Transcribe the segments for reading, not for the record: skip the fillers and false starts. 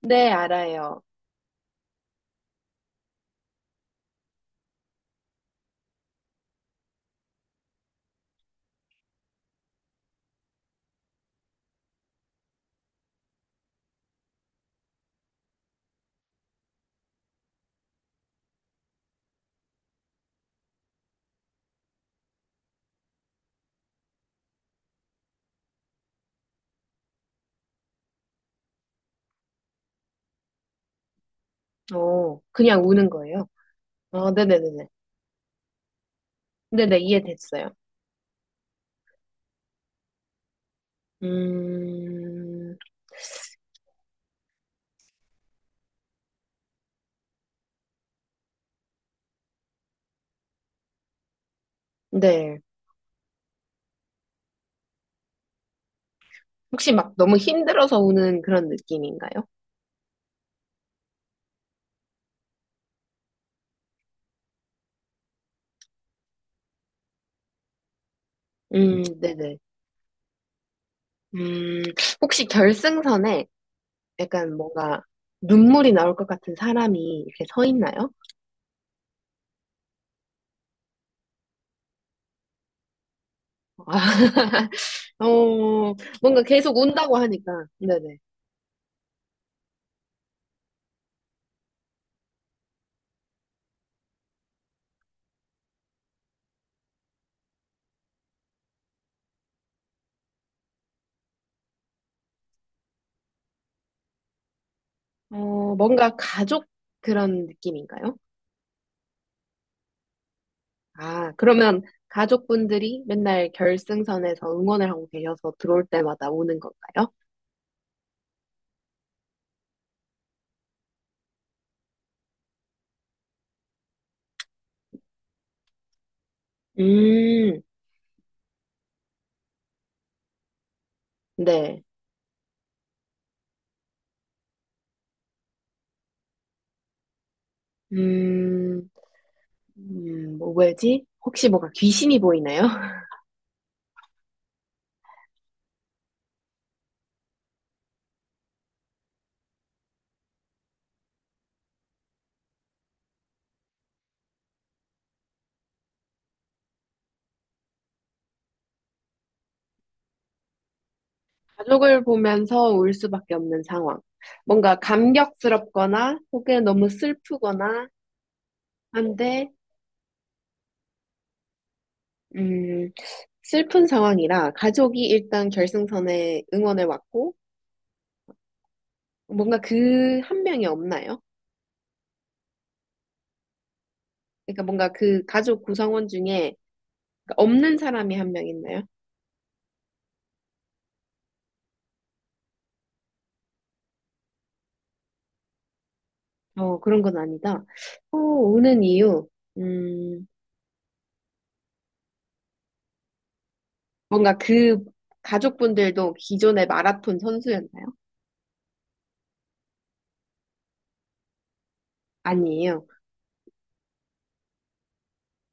네, 알아요. 그냥 우는 거예요? 어, 네네네네. 네네, 이해됐어요. 음, 네. 혹시 막 너무 힘들어서 우는 그런 느낌인가요? 네네. 음, 혹시 결승선에 약간 뭔가 눈물이 나올 것 같은 사람이 이렇게 서 있나요? 아, 어, 뭔가 계속 운다고 하니까. 네네. 뭔가 가족 그런 느낌인가요? 아, 그러면 가족분들이 맨날 결승선에서 응원을 하고 계셔서 들어올 때마다 오는 건가요? 음, 네. 음, 뭐 왜지? 혹시 뭔가 귀신이 보이나요? 가족을 보면서 울 수밖에 없는 상황. 뭔가 감격스럽거나 혹은 너무 슬프거나 한데, 음, 슬픈 상황이라 가족이 일단 결승선에 응원을 왔고, 뭔가 그 한 명이 없나요? 그러니까 뭔가 그 가족 구성원 중에 그러니까 없는 사람이 한 명 있나요? 그런 건 아니다. 오는 이유, 음, 뭔가 그 가족분들도 기존의 마라톤 선수였나요? 아니에요.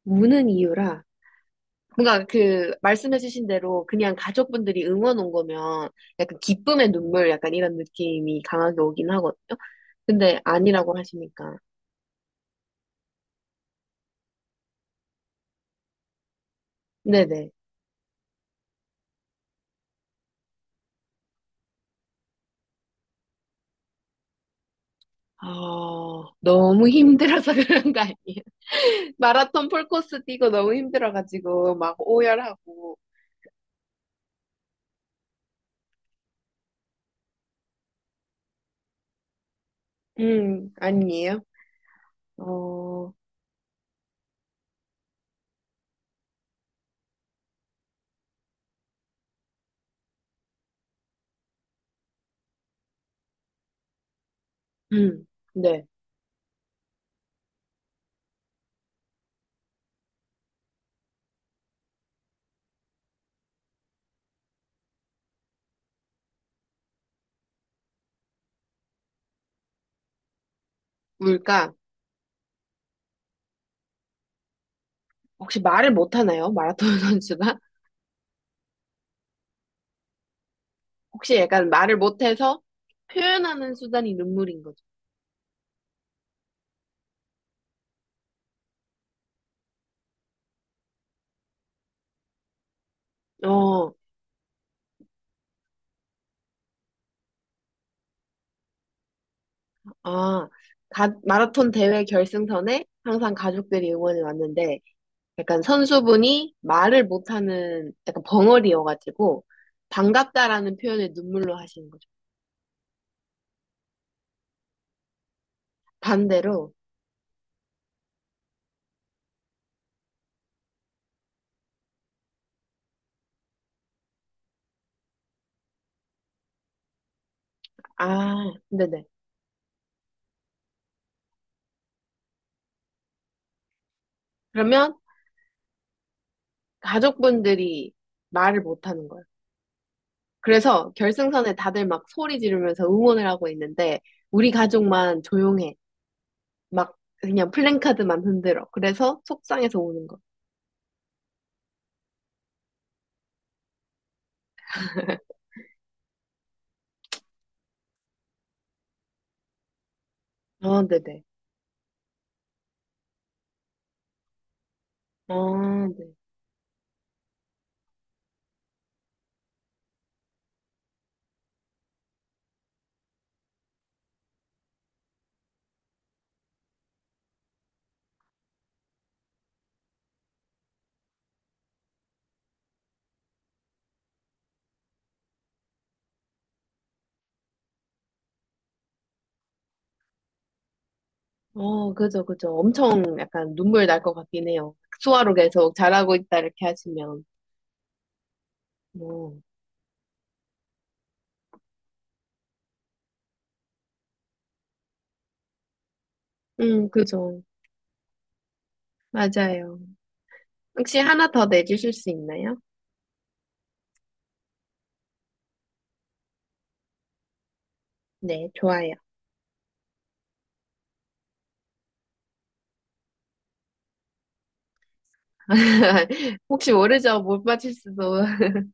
우는 이유라, 뭔가 그 말씀해주신 대로 그냥 가족분들이 응원 온 거면 약간 기쁨의 눈물 약간 이런 느낌이 강하게 오긴 하거든요. 근데 아니라고 하시니까. 네네. 아, 너무 힘들어서 그런 거 아니에요? 마라톤 풀코스 뛰고 너무 힘들어가지고 막 오열하고. 아니에요. 어, 음, 네. 뭘까? 혹시 말을 못하나요? 마라톤 선수가? 혹시 약간 말을 못해서 표현하는 수단이 눈물인 거죠? 어, 아, 마라톤 대회 결승선에 항상 가족들이 응원을 왔는데, 약간 선수분이 말을 못하는 약간 벙어리여가지고, 반갑다라는 표현을 눈물로 하시는 거죠. 반대로, 아, 네네. 그러면 가족분들이 말을 못하는 거예요. 그래서 결승선에 다들 막 소리 지르면서 응원을 하고 있는데 우리 가족만 조용해. 막 그냥 플랜카드만 흔들어. 그래서 속상해서 우는 거. 아, 네네. 아, 네. 그죠, 그죠. 엄청 약간 눈물 날 것 같긴 해요. 수화로 계속 잘하고 있다 이렇게 하시면. 어. 그죠. 맞아요. 혹시 하나 더 내주실 수 있나요? 네, 좋아요. 혹시 모르죠? 못 맞힐 수도.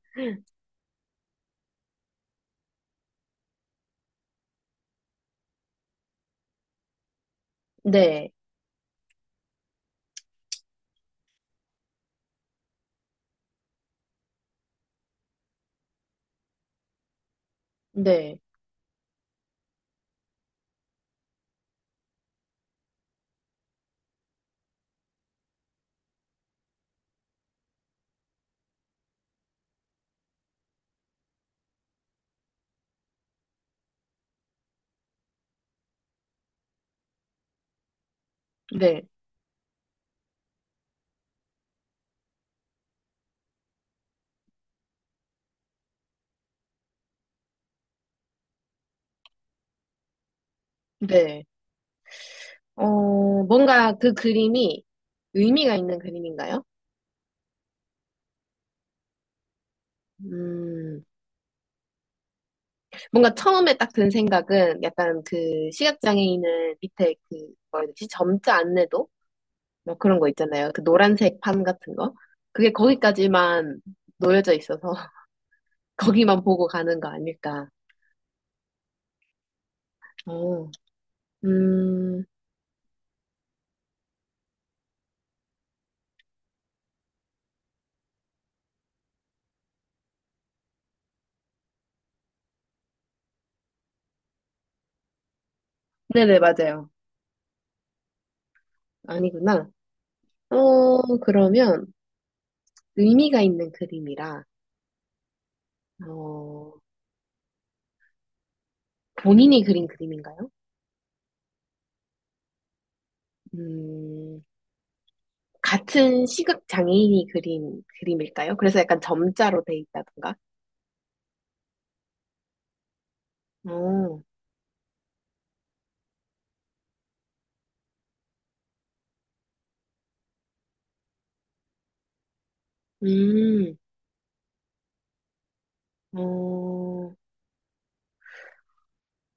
네, 네, 네, 네. 뭔가 그 그림이 의미가 있는 그림인가요? 음, 뭔가 처음에 딱 든 생각은 약간 그 시각장애인은 밑에 그, 뭐라 해야 되지? 점자 안내도? 뭐 그런 거 있잖아요. 그 노란색 판 같은 거. 그게 거기까지만 놓여져 있어서 거기만 보고 가는 거 아닐까. 어, 음, 네네, 맞아요. 아니구나. 그러면 의미가 있는 그림이라, 어, 본인이 그린 그림인가요? 음, 같은 시각 장애인이 그린 그림일까요? 그래서 약간 점자로 돼 있다던가? 어, 음, 어,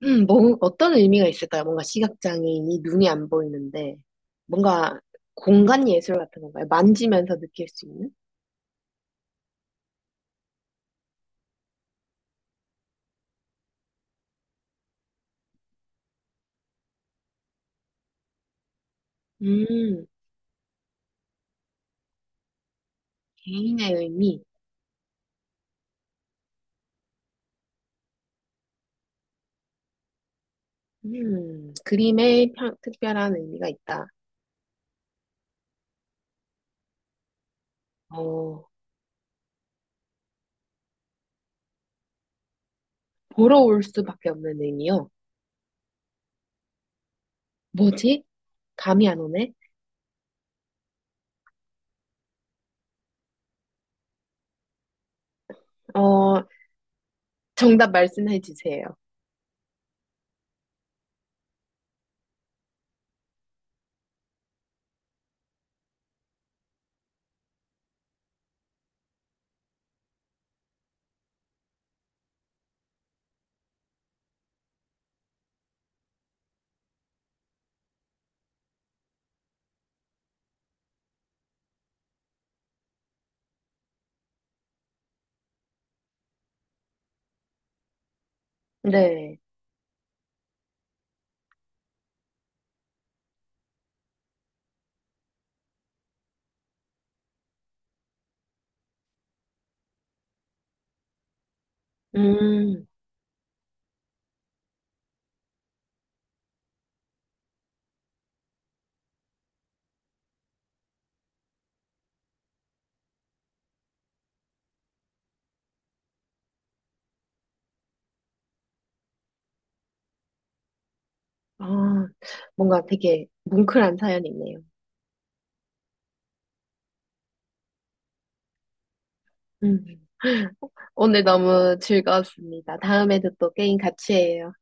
뭐, 어떤 의미가 있을까요? 뭔가 시각 장애인이 눈이 안 보이는데, 뭔가 공간 예술 같은 건가요? 만지면서 느낄 수 있는? 음, 개인의 의미. 그림에 특별한 의미가 있다. 어, 보러 올 수밖에 없는 의미요. 뭐지? 감이 안 오네? 어, 정답 말씀해 주세요. 네. 음. 아, 뭔가 되게 뭉클한 사연이네요. 음. 오늘 너무 즐거웠습니다. 다음에도 또 게임 같이 해요.